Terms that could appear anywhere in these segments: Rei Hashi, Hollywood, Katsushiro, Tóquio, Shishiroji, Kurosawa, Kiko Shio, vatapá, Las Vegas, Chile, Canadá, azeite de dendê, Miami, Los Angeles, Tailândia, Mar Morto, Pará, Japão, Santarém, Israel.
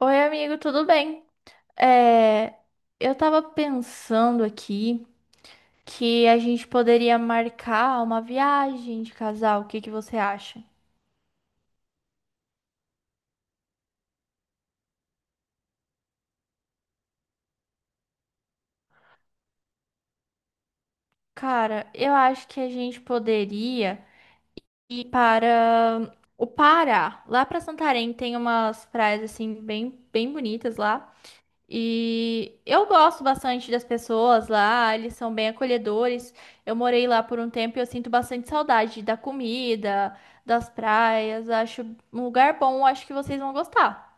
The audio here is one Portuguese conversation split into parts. Oi, amigo, tudo bem? É, eu tava pensando aqui que a gente poderia marcar uma viagem de casal. O que que você acha? Cara, eu acho que a gente poderia ir para o Pará. Lá para Santarém tem umas praias assim bem bonitas lá. E eu gosto bastante das pessoas lá, eles são bem acolhedores. Eu morei lá por um tempo e eu sinto bastante saudade da comida, das praias. Acho um lugar bom, acho que vocês vão gostar.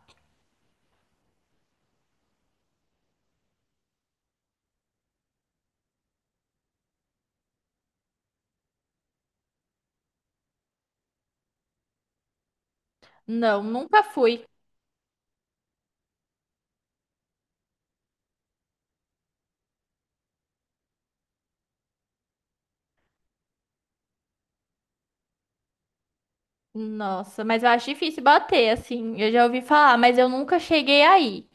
Não, nunca fui. Nossa, mas eu acho difícil bater, assim. Eu já ouvi falar, mas eu nunca cheguei aí.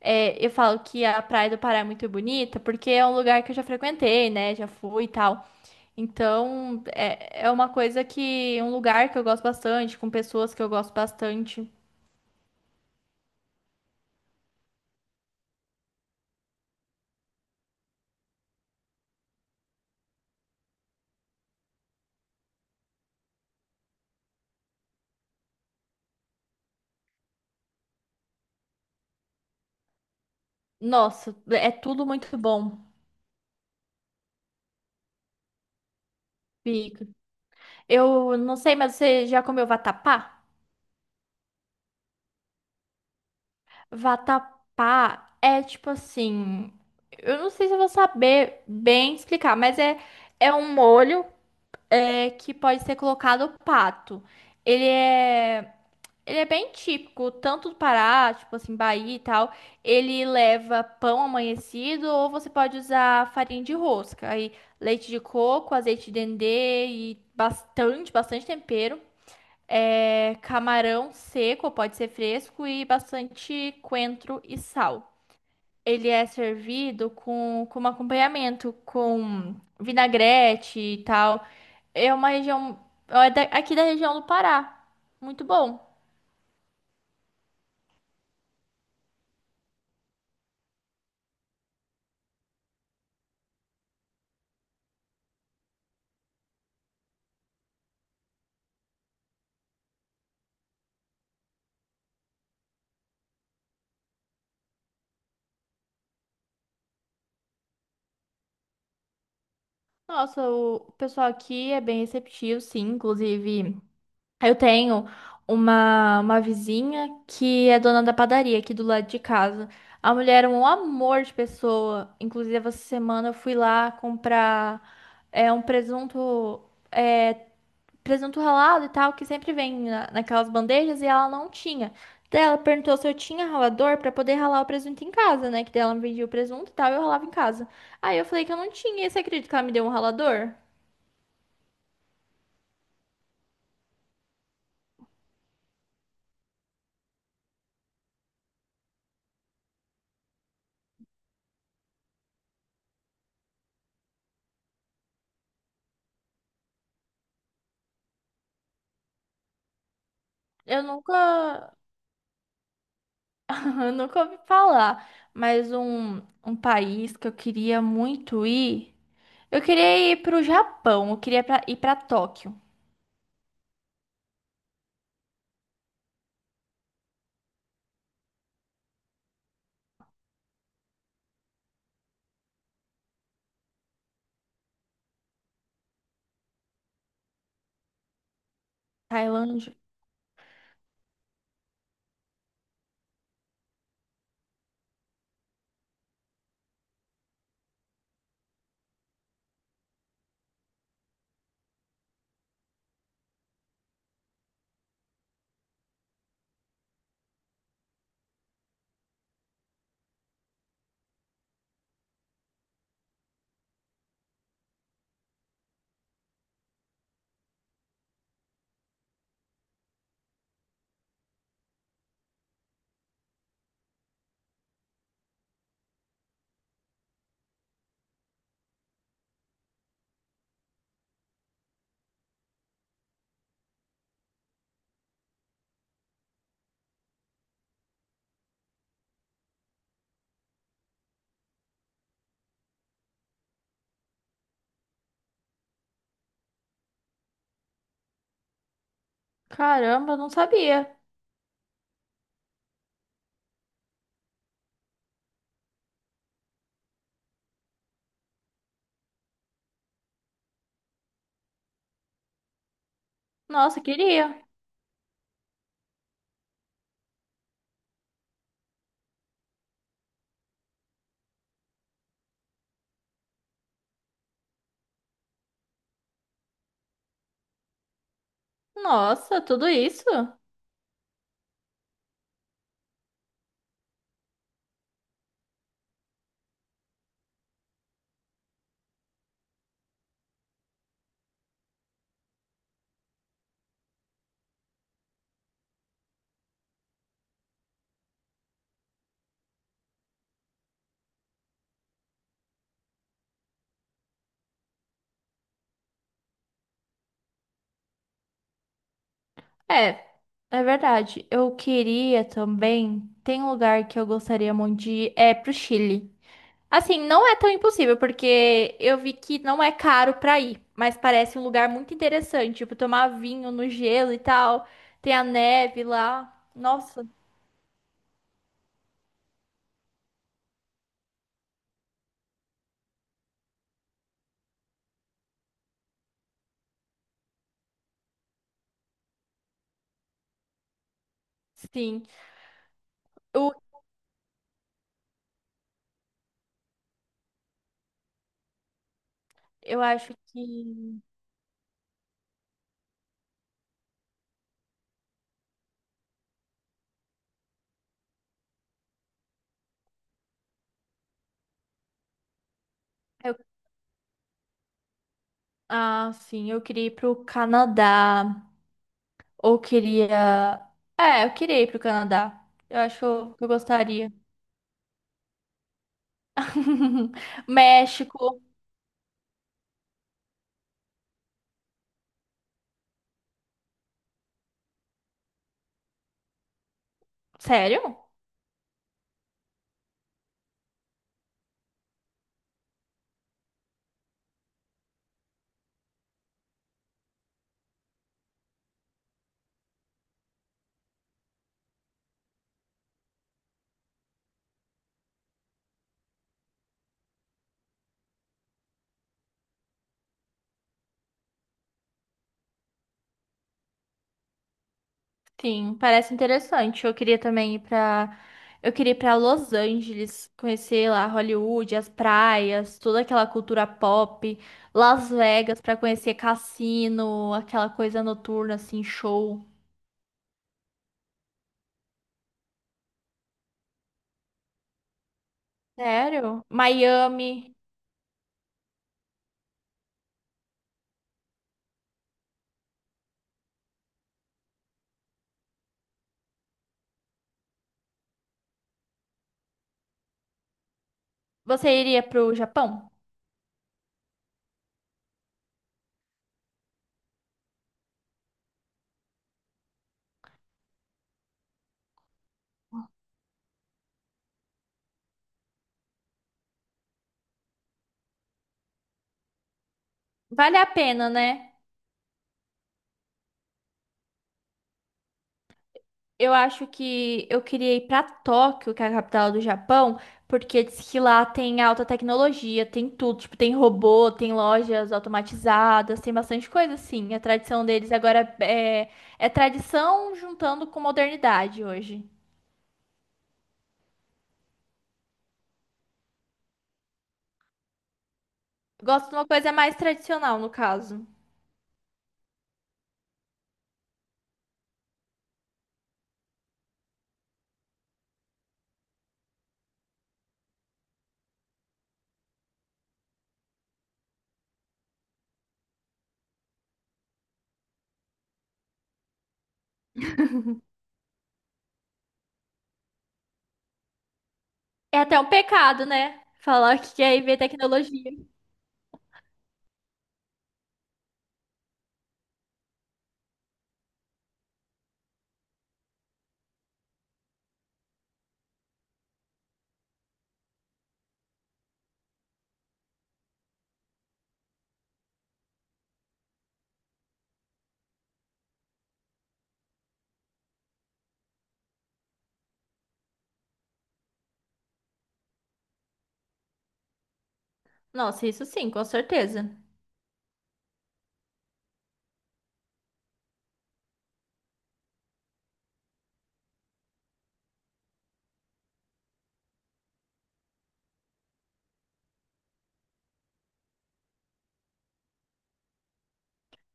É, eu falo que a Praia do Pará é muito bonita porque é um lugar que eu já frequentei, né? Já fui e tal. Então, é uma coisa que, um lugar que eu gosto bastante, com pessoas que eu gosto bastante. Nossa, é tudo muito bom. Fica. Eu não sei, mas você já comeu vatapá? Vatapá é tipo assim, eu não sei se eu vou saber bem explicar, mas é um molho é, que pode ser colocado pato. Ele é Ele é bem típico, tanto do Pará, tipo assim, Bahia e tal. Ele leva pão amanhecido ou você pode usar farinha de rosca. Aí leite de coco, azeite de dendê e bastante tempero. É, camarão seco, pode ser fresco e bastante coentro e sal. Ele é servido com, como acompanhamento, com vinagrete e tal. É uma região, aqui da região do Pará. Muito bom. Nossa, o pessoal aqui é bem receptivo, sim. Inclusive, eu tenho uma vizinha que é dona da padaria aqui do lado de casa. A mulher é um amor de pessoa. Inclusive, essa semana eu fui lá comprar um presunto, é, presunto ralado e tal, que sempre vem naquelas bandejas e ela não tinha. Daí ela perguntou se eu tinha ralador pra poder ralar o presunto em casa, né? Que daí ela me vendia o presunto e tal, e eu ralava em casa. Aí eu falei que eu não tinha, e você acredita que ela me deu um ralador? Eu nunca, eu nunca ouvi falar, mas um país que eu queria muito ir. Eu queria ir pro Japão, eu queria ir pra Tóquio, Tailândia. Caramba, eu não sabia. Nossa, queria. Nossa, tudo isso? É, é verdade. Eu queria também. Tem um lugar que eu gostaria muito de ir, é pro Chile. Assim, não é tão impossível, porque eu vi que não é caro pra ir, mas parece um lugar muito interessante, tipo, tomar vinho no gelo e tal. Tem a neve lá. Nossa, sim. Eu, eu acho que. eu- ah, sim, eu queria ir pro Canadá. Ou queria. É, eu queria ir pro Canadá. Eu acho que eu gostaria. México. Sério? Sim, parece interessante. Eu queria também ir pra. Eu queria ir pra Los Angeles, conhecer lá Hollywood, as praias, toda aquela cultura pop, Las Vegas pra conhecer cassino, aquela coisa noturna assim, show. Sério? Miami. Você iria pro Japão? Vale a pena, né? Eu acho que eu queria ir pra Tóquio, que é a capital do Japão, porque diz que lá tem alta tecnologia, tem tudo, tipo, tem robô, tem lojas automatizadas, tem bastante coisa assim. A tradição deles agora é tradição juntando com modernidade hoje. Gosto de uma coisa mais tradicional, no caso. É até um pecado, né? Falar que quer ir ver tecnologia. Nossa, isso sim, com certeza.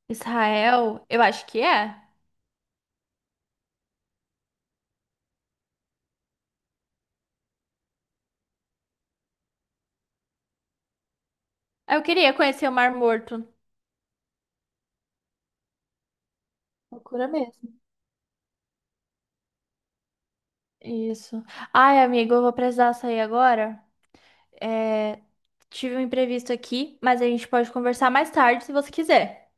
Israel, eu acho que é. Eu queria conhecer o Mar Morto. Loucura mesmo. Isso. Ai, amigo, eu vou precisar sair agora. É, tive um imprevisto aqui, mas a gente pode conversar mais tarde se você quiser.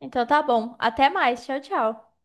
Então tá bom. Até mais. Tchau, tchau.